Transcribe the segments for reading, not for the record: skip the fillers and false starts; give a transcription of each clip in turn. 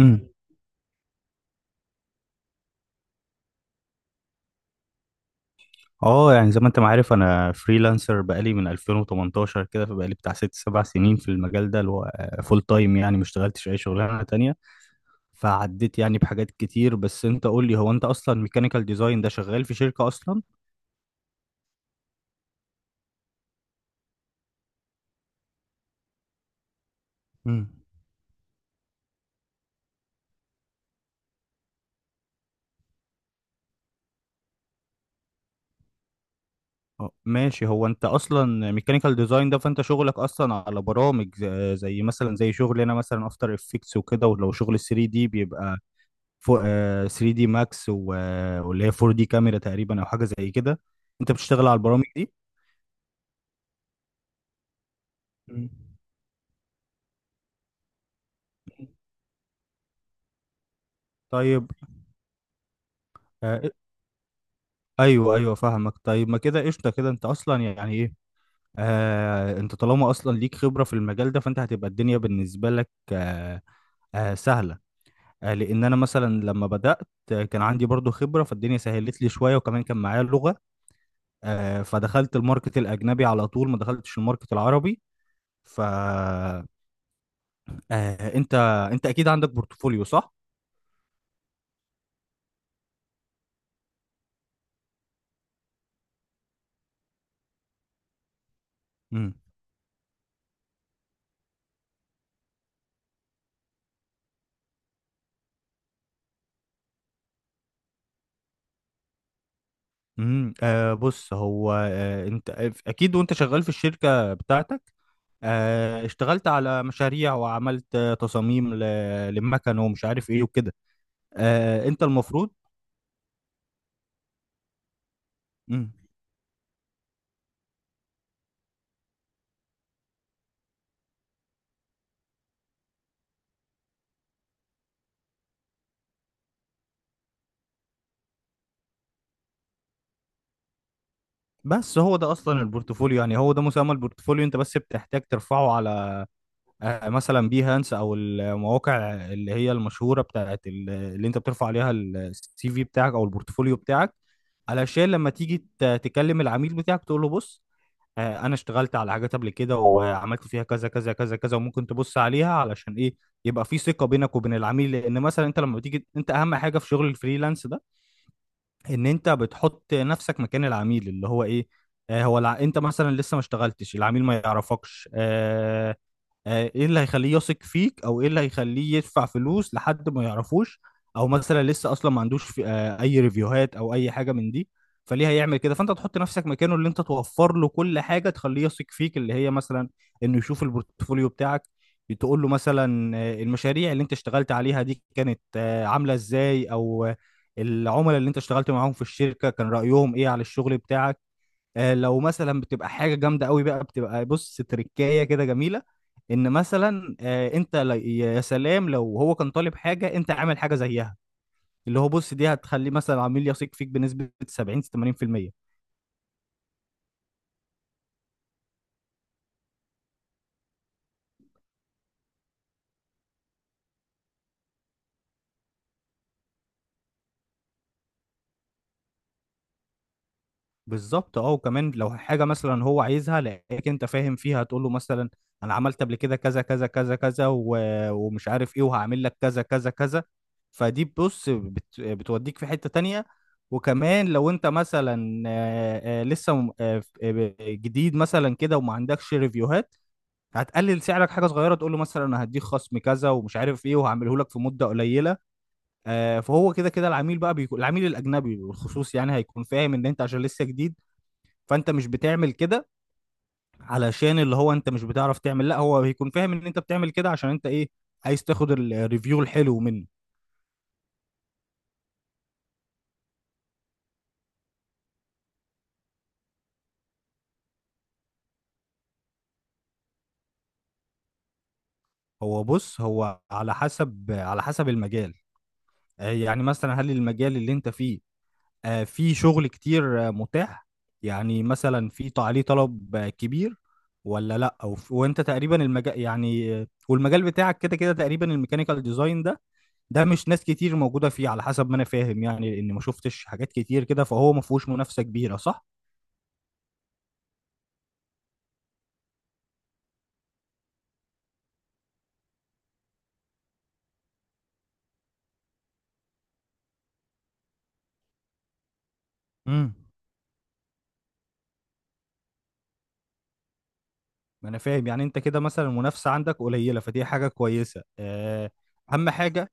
امم اه، يعني زي ما انت ما عارف انا فريلانسر بقالي من 2018 كده، فبقالي بتاع ست سبع سنين في المجال ده اللي هو فول تايم، يعني ما اشتغلتش اي شغلانه تانية. فعديت يعني بحاجات كتير، بس انت قول لي، هو انت اصلا ميكانيكال ديزاين ده شغال في شركه اصلا؟ امم اه ماشي. هو انت اصلا ميكانيكال ديزاين ده، فانت شغلك اصلا على برامج زي مثلا زي شغلي انا، مثلا افتر افكتس وكده. ولو شغل 3 دي، بيبقى 3D ماكس واللي هي 4D كاميرا تقريبا، او حاجه زي كده. انت بتشتغل على البرامج دي؟ مم. طيب. آه، ايوه ايوه، فاهمك. طيب، ما كده قشطه كده، انت اصلا يعني ايه، انت طالما اصلا ليك خبره في المجال ده، فانت هتبقى الدنيا بالنسبه لك سهله. لان انا مثلا لما بدات كان عندي برضو خبره، فالدنيا سهلت لي شويه، وكمان كان معايا اللغه، فدخلت الماركت الاجنبي على طول، ما دخلتش الماركت العربي. ف آه، انت، اكيد عندك بورتفوليو صح؟ امم بص، هو انت اكيد وانت شغال في الشركة بتاعتك اشتغلت على مشاريع، وعملت تصاميم للمكن، ومش عارف ايه وكده. انت المفروض... مم. بس هو ده اصلا البورتفوليو، يعني هو ده مسمى البورتفوليو. انت بس بتحتاج ترفعه على مثلا بيهانس، او المواقع اللي هي المشهورة بتاعت اللي انت بترفع عليها السي في بتاعك او البورتفوليو بتاعك، علشان لما تيجي تكلم العميل بتاعك تقول له بص، انا اشتغلت على حاجات قبل كده وعملت فيها كذا كذا كذا كذا، وممكن تبص عليها، علشان ايه؟ يبقى في ثقة بينك وبين العميل. لان مثلا انت لما بتيجي، انت اهم حاجة في شغل الفريلانس ده ان انت بتحط نفسك مكان العميل، اللي هو ايه، انت مثلا لسه ما اشتغلتش، العميل ما يعرفكش، ايه اللي هيخليه يثق فيك، او ايه اللي هيخليه يدفع فلوس لحد ما يعرفوش؟ او مثلا لسه اصلا ما عندوش في اي ريفيوهات او اي حاجه من دي، فليه هيعمل كده؟ فانت تحط نفسك مكانه، اللي انت توفر له كل حاجه تخليه يثق فيك، اللي هي مثلا انه يشوف البورتفوليو بتاعك. تقول له مثلا المشاريع اللي انت اشتغلت عليها دي كانت عامله ازاي، او العملاء اللي انت اشتغلت معاهم في الشركه كان رايهم ايه على الشغل بتاعك. لو مثلا بتبقى حاجه جامده قوي بقى، بتبقى بص تركايه كده جميله، ان مثلا انت يا سلام لو هو كان طالب حاجه انت عامل حاجه زيها، اللي هو بص، دي هتخليه مثلا عميل يثق فيك بنسبه 70 80%. بالظبط، اه. وكمان لو حاجه مثلا هو عايزها لقيك انت فاهم فيها، تقول له مثلا انا عملت قبل كده كذا كذا كذا كذا ومش عارف ايه، وهعمل لك كذا كذا كذا. فدي بص بتوديك في حته تانية. وكمان لو انت مثلا لسه جديد مثلا كده وما عندكش ريفيوهات، هتقلل سعرك حاجه صغيره تقول له مثلا انا هديك خصم كذا ومش عارف ايه، وهعمله لك في مده قليله. فهو كده كده العميل بقى بيكون، العميل الاجنبي بالخصوص، يعني هيكون فاهم ان انت عشان لسه جديد فانت مش بتعمل كده علشان اللي هو انت مش بتعرف تعمل، لا، هو بيكون فاهم ان انت بتعمل كده عشان انت ايه، عايز تاخد الريفيو الحلو منه. هو بص، هو على حسب على حسب المجال. يعني مثلا هل المجال اللي انت فيه فيه شغل كتير متاح؟ يعني مثلا عليه طلب كبير ولا لا؟ أو وانت تقريبا المجال يعني والمجال بتاعك كده كده تقريبا، الميكانيكال ديزاين ده، ده مش ناس كتير موجودة فيه على حسب ما أنا فاهم يعني. لأن ما شفتش حاجات كتير كده، فهو ما فيهوش منافسة كبيرة صح؟ امم ما أنا فاهم يعني أنت كده مثلا المنافسة عندك قليلة، فدي حاجة كويسة. أهم حاجة.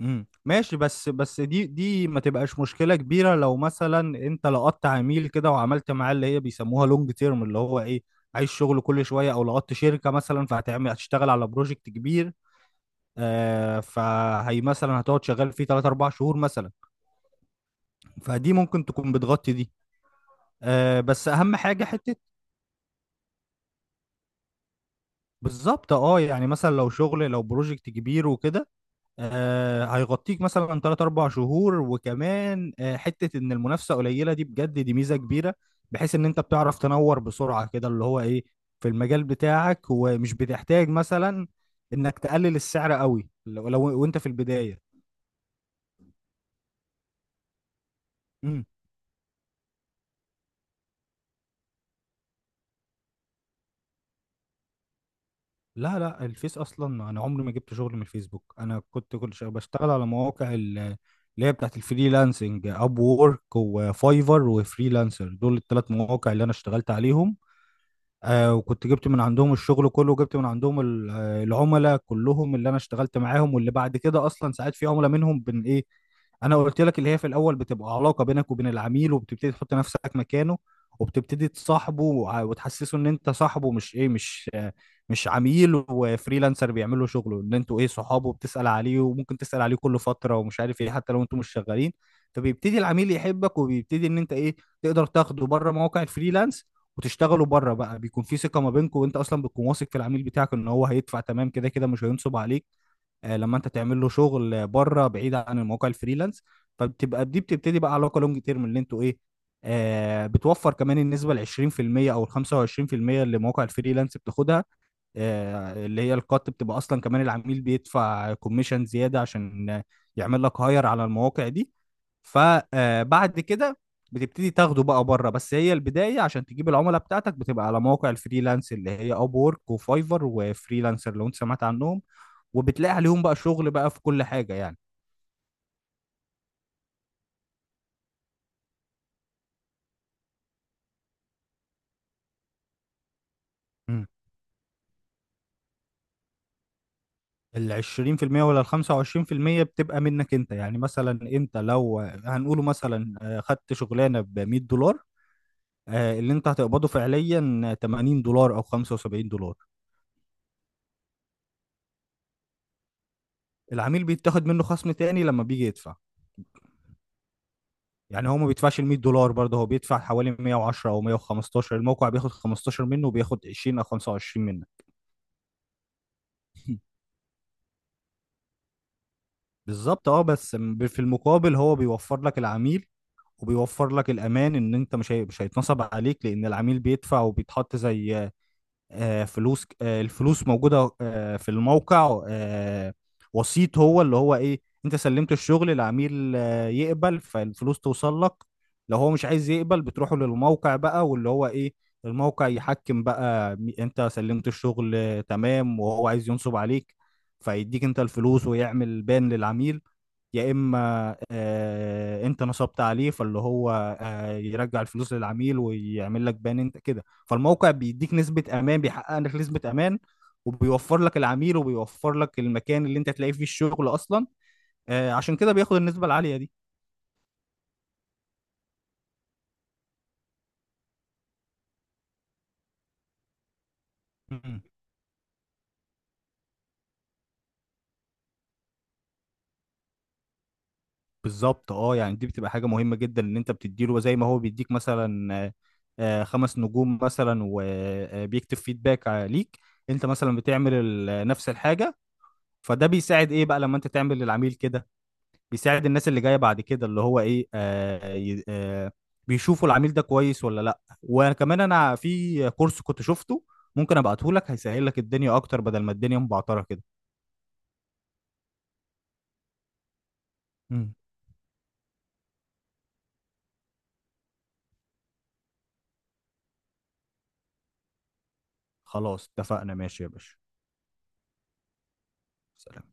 ماشي. بس دي ما تبقاش مشكلة كبيرة لو مثلا أنت لقطت عميل كده وعملت معاه اللي هي بيسموها لونج تيرم، اللي هو إيه، عايز شغل كل شوية، أو لقطت شركة مثلا، فهتعمل هتشتغل على بروجكت كبير. فهي مثلا هتقعد شغال فيه 3 4 شهور مثلا، فدي ممكن تكون بتغطي دي. بس اهم حاجه حته. بالظبط، اه. يعني مثلا لو بروجكت كبير وكده، هيغطيك مثلا 3 4 شهور، وكمان حته ان المنافسه قليله دي، بجد دي ميزه كبيره، بحيث ان انت بتعرف تنور بسرعه كده، اللي هو ايه، في المجال بتاعك، ومش بتحتاج مثلا انك تقلل السعر قوي، لو وانت في البدايه. لا لا، الفيس اصلا انا عمري ما جبت شغل من الفيسبوك. انا كنت بشتغل على مواقع اللي هي بتاعت الفريلانسنج، اب وورك وفايفر وفريلانسر، دول الثلاث مواقع اللي انا اشتغلت عليهم. وكنت جبت من عندهم الشغل كله، وجبت من عندهم العملاء كلهم اللي انا اشتغلت معاهم، واللي بعد كده اصلا ساعات في عملاء منهم بن ايه، انا قلت لك اللي هي في الاول بتبقى علاقه بينك وبين العميل، وبتبتدي تحط نفسك مكانه وبتبتدي تصاحبه وتحسسه ان انت صاحبه، مش ايه، مش مش عميل وفريلانسر بيعمل له شغله، ان انتوا ايه، صحابه، وبتسال عليه، وممكن تسال عليه كل فتره ومش عارف ايه، حتى لو انتوا مش شغالين. فبيبتدي العميل يحبك، وبيبتدي ان انت ايه، تقدر تاخده بره مواقع الفريلانس وتشتغلوا بره بقى. بيكون في ثقه ما بينكم، وانت اصلا بتكون واثق في العميل بتاعك ان هو هيدفع، تمام كده كده، مش هينصب عليك لما انت تعمل له شغل بره بعيد عن المواقع الفريلانس. فبتبقى دي، بتبتدي بقى علاقه لونج تيرم اللي انتوا ايه، بتوفر كمان النسبه ال 20% او ال 25% اللي مواقع الفريلانس بتاخدها. اللي هي القط، بتبقى اصلا كمان العميل بيدفع كوميشن زياده عشان يعمل لك هاير على المواقع دي. فبعد كده بتبتدي تاخده بقى بره. بس هي البدايه، عشان تجيب العملاء بتاعتك بتبقى على مواقع الفريلانس، اللي هي اب وورك وفايفر وفريلانسر، لو انت سمعت عنهم، وبتلاقي عليهم بقى شغل بقى في كل حاجه يعني. مم. ال 20% ولا ال 25% بتبقى منك انت. يعني مثلا انت لو هنقوله مثلا خدت شغلانه ب $100، اللي انت هتقبضه فعليا $80 او $75. العميل بيتاخد منه خصم تاني لما بيجي يدفع. يعني هو ما بيدفعش ال $100 برضه، هو بيدفع حوالي 110 او 115. الموقع بياخد 15 منه وبياخد 20 او 25 منك. بالظبط، اه. بس في المقابل هو بيوفر لك العميل، وبيوفر لك الامان، ان انت مش هيتنصب عليك، لان العميل بيدفع وبيتحط، زي آه، فلوس آه، الفلوس موجودة في الموقع وسيط، هو اللي هو ايه، انت سلمت الشغل العميل يقبل فالفلوس توصل لك. لو هو مش عايز يقبل، بتروحوا للموقع بقى، واللي هو ايه، الموقع يحكم بقى، انت سلمت الشغل تمام، وهو عايز ينصب عليك، فيديك انت الفلوس ويعمل بان للعميل. يا اما انت نصبت عليه، فاللي هو يرجع الفلوس للعميل ويعمل لك بان انت كده. فالموقع بيديك نسبة امان، بيحقق لك نسبة امان، وبيوفر لك العميل، وبيوفر لك المكان اللي انت هتلاقي فيه الشغل اصلا. عشان كده بياخد النسبة العالية دي. مم. بالظبط، اه. يعني دي بتبقى حاجة مهمة جدا ان انت بتديله زي ما هو بيديك مثلا، خمس نجوم مثلا وبيكتب فيدباك ليك، انت مثلا بتعمل نفس الحاجة. فده بيساعد ايه بقى لما انت تعمل للعميل كده؟ بيساعد الناس اللي جايه بعد كده، اللي هو ايه، بيشوفوا العميل ده كويس ولا لا. وكمان انا في كورس كنت شفته ممكن ابعته لك، هيسهل لك الدنيا اكتر بدل ما الدنيا مبعتره كده. مم. خلاص، اتفقنا. ماشي يا باشا. سلام.